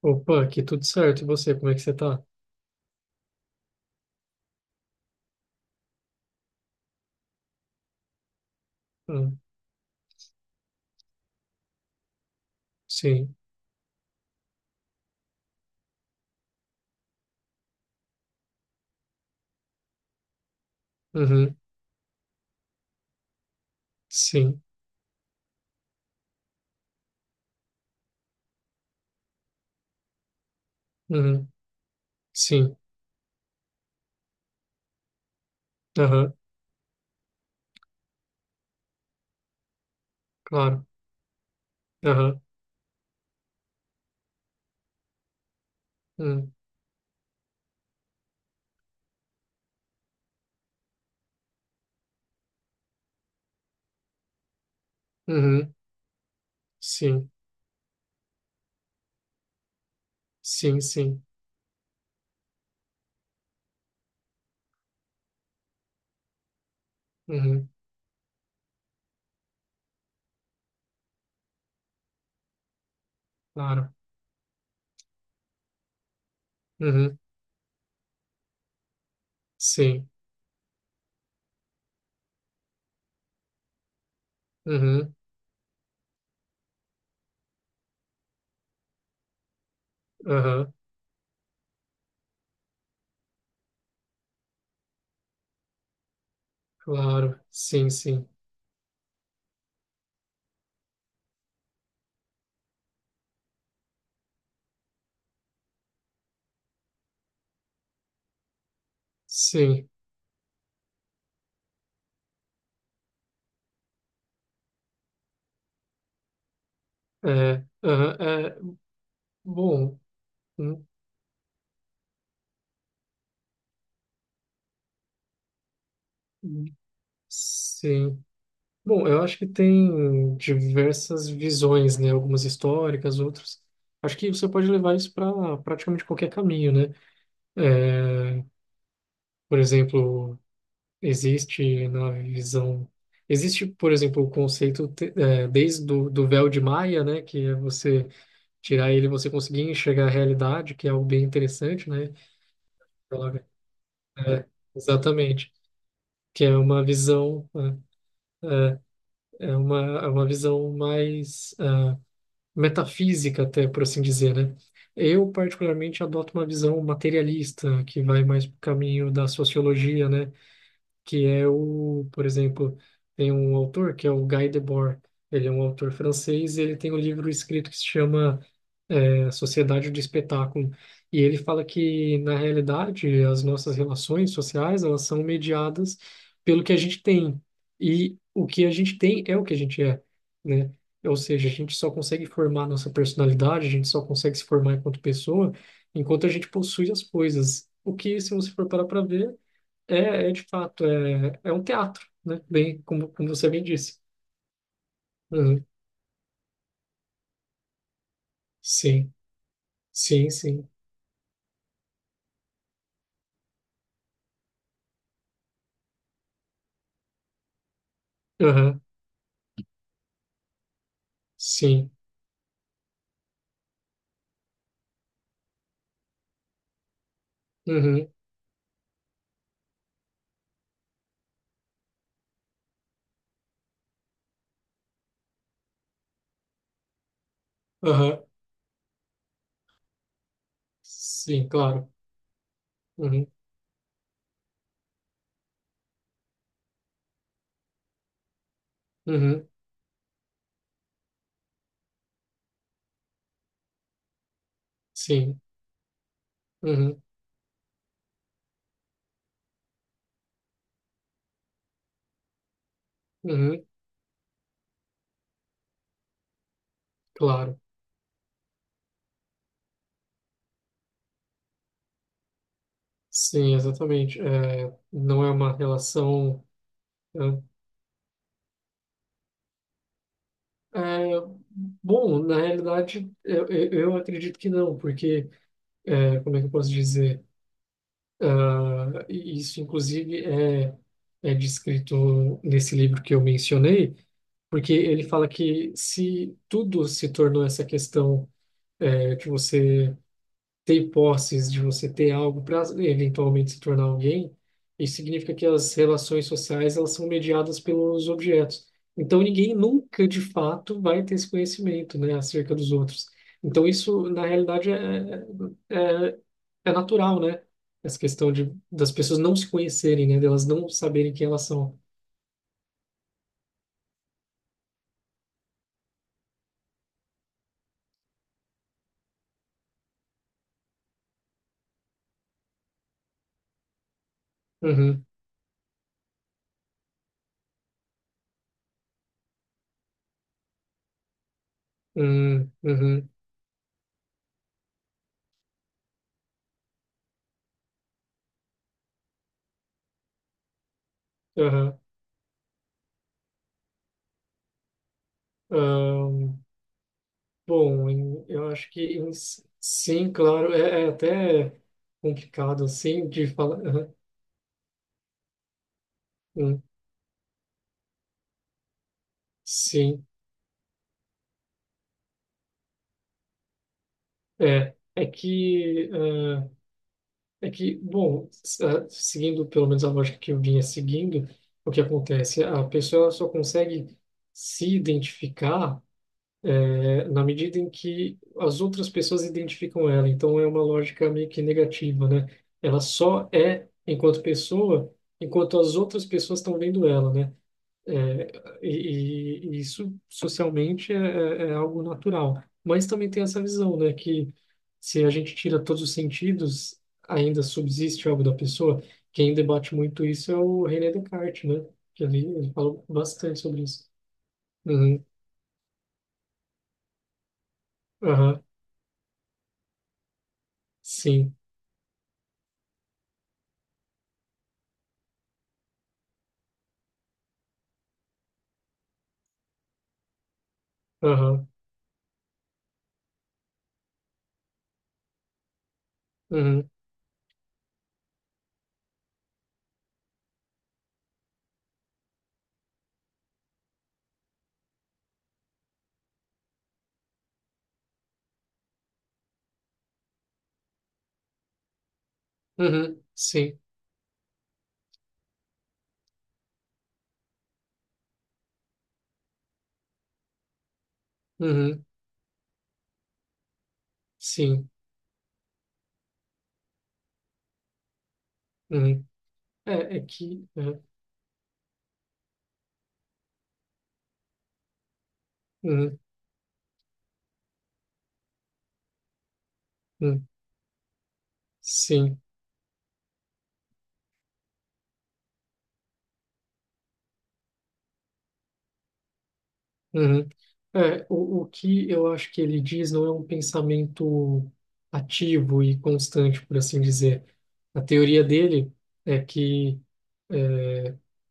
Opa, aqui tudo certo. E você, como é que você tá? Hum, sim. Uhum. Sim. Uhum. Sim. Aham, claro. Aham. Uhum. Uhum. Sim. Sim, sim. Uhum. Claro. Uhum. Sim. Uhum. Aham. Claro. Sim, sim. Sim. É. Aham. É. Bom. Hum, hum, Sim. Bom, eu acho que tem diversas visões, né? Algumas históricas, outras. Acho que você pode levar isso para praticamente qualquer caminho, né? É, por exemplo, existe na visão. Existe, por exemplo, o conceito desde do véu de Maia, né? Que é você tirar ele, e você conseguir enxergar a realidade, que é algo bem interessante, né? Ela- É, exatamente. Que é uma visão, né, é uma, é uma visão mais metafísica até, por assim dizer, né? Eu, particularmente, adoto uma visão materialista, que vai mais para o caminho da sociologia, né? Que é o, por exemplo, tem um autor que é o Guy Debord. Ele é um autor francês e ele tem um livro escrito que se chama a sociedade de espetáculo. E ele fala que, na realidade, as nossas relações sociais, elas são mediadas pelo que a gente tem. E o que a gente tem é o que a gente é, né? Ou seja, a gente só consegue formar nossa personalidade, a gente só consegue se formar enquanto pessoa, enquanto a gente possui as coisas. O que, se você for parar para ver, é de fato, é um teatro, né? Bem, como você bem disse. Uhum. Sim, sim, sim. Aham, sim. Uhum. Aham. Sim, claro. Uhum, uhum, sim, uhum, uhum, claro. Sim, exatamente. É, não é uma relação. É, é, bom, na realidade, eu acredito que não, porque, como é que eu posso dizer? Ah, isso, inclusive, é descrito nesse livro que eu mencionei, porque ele fala que se tudo se tornou essa questão, é, que você. Ter posses, de você ter algo para eventualmente se tornar alguém, isso significa que as relações sociais elas são mediadas pelos objetos. Então ninguém nunca de fato vai ter esse conhecimento, né, acerca dos outros. Então isso na realidade é, é é natural, né? Essa questão de das pessoas não se conhecerem, né, delas não saberem quem elas são. Uhum, uhum, uhum, aham, ahn. Bom, eu acho que sim, claro, é até complicado assim de falar. Aham, hum, sim, é, é que ah, é que bom, s- ah, seguindo pelo menos a lógica que eu vinha seguindo, o que acontece? A pessoa só consegue se identificar na medida em que as outras pessoas identificam ela. Então é uma lógica meio que negativa, né? Ela só é enquanto pessoa, enquanto as outras pessoas estão vendo ela, né? É, e isso socialmente é algo natural. Mas também tem essa visão, né, que se a gente tira todos os sentidos, ainda subsiste algo da pessoa. Quem debate muito isso é o René Descartes, né? Que ele fala bastante sobre isso. Uhum, aham, sim, aham, uhum, uhum, sim, uhum, sim, uhum. É, é que, é, uhum, uhum, sim. Uhum. É, o que eu acho que ele diz não é um pensamento ativo e constante, por assim dizer. A teoria dele é que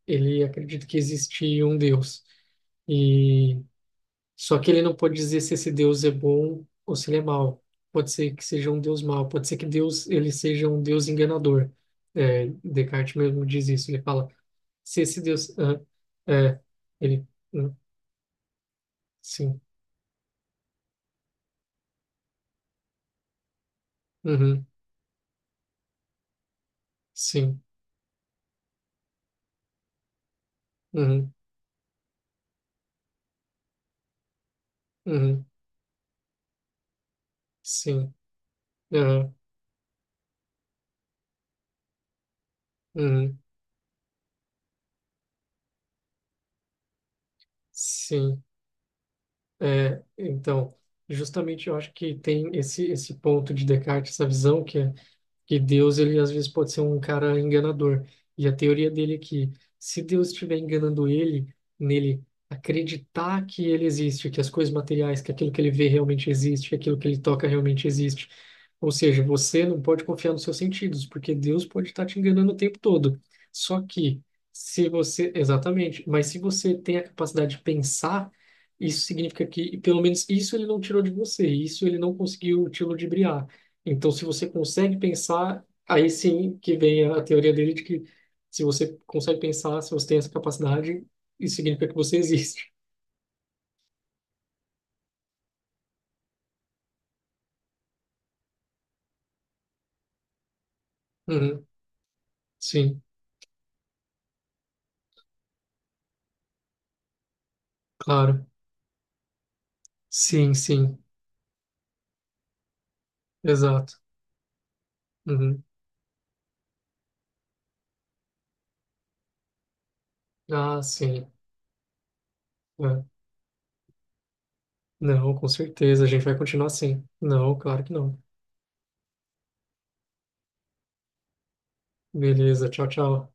ele acredita que existe um Deus, e só que ele não pode dizer se esse Deus é bom ou se ele é mau. Pode ser que seja um Deus mau, pode ser que Deus ele seja um Deus enganador. É, Descartes mesmo diz isso. Ele fala se esse Deus, ah, é, ele, hum, sim, uhum, sim. Uhum. Uhum, sim, aham, uhum, sim. É, então, justamente eu acho que tem esse ponto de Descartes, essa visão que é que Deus, ele às vezes pode ser um cara enganador. E a teoria dele é que se Deus estiver enganando ele, nele acreditar que ele existe, que as coisas materiais, que aquilo que ele vê realmente existe, que aquilo que ele toca realmente existe. Ou seja, você não pode confiar nos seus sentidos, porque Deus pode estar te enganando o tempo todo. Só que se você, exatamente, mas se você tem a capacidade de pensar, isso significa que pelo menos isso ele não tirou de você, isso ele não conseguiu te ludibriar. Então, se você consegue pensar, aí sim que vem a teoria dele de que se você consegue pensar, se você tem essa capacidade, isso significa que você existe. Uhum. Sim, claro. Sim, sim, exato. Uhum. Ah, sim. É. Não, com certeza, a gente vai continuar assim. Não, claro que não. Beleza, tchau, tchau.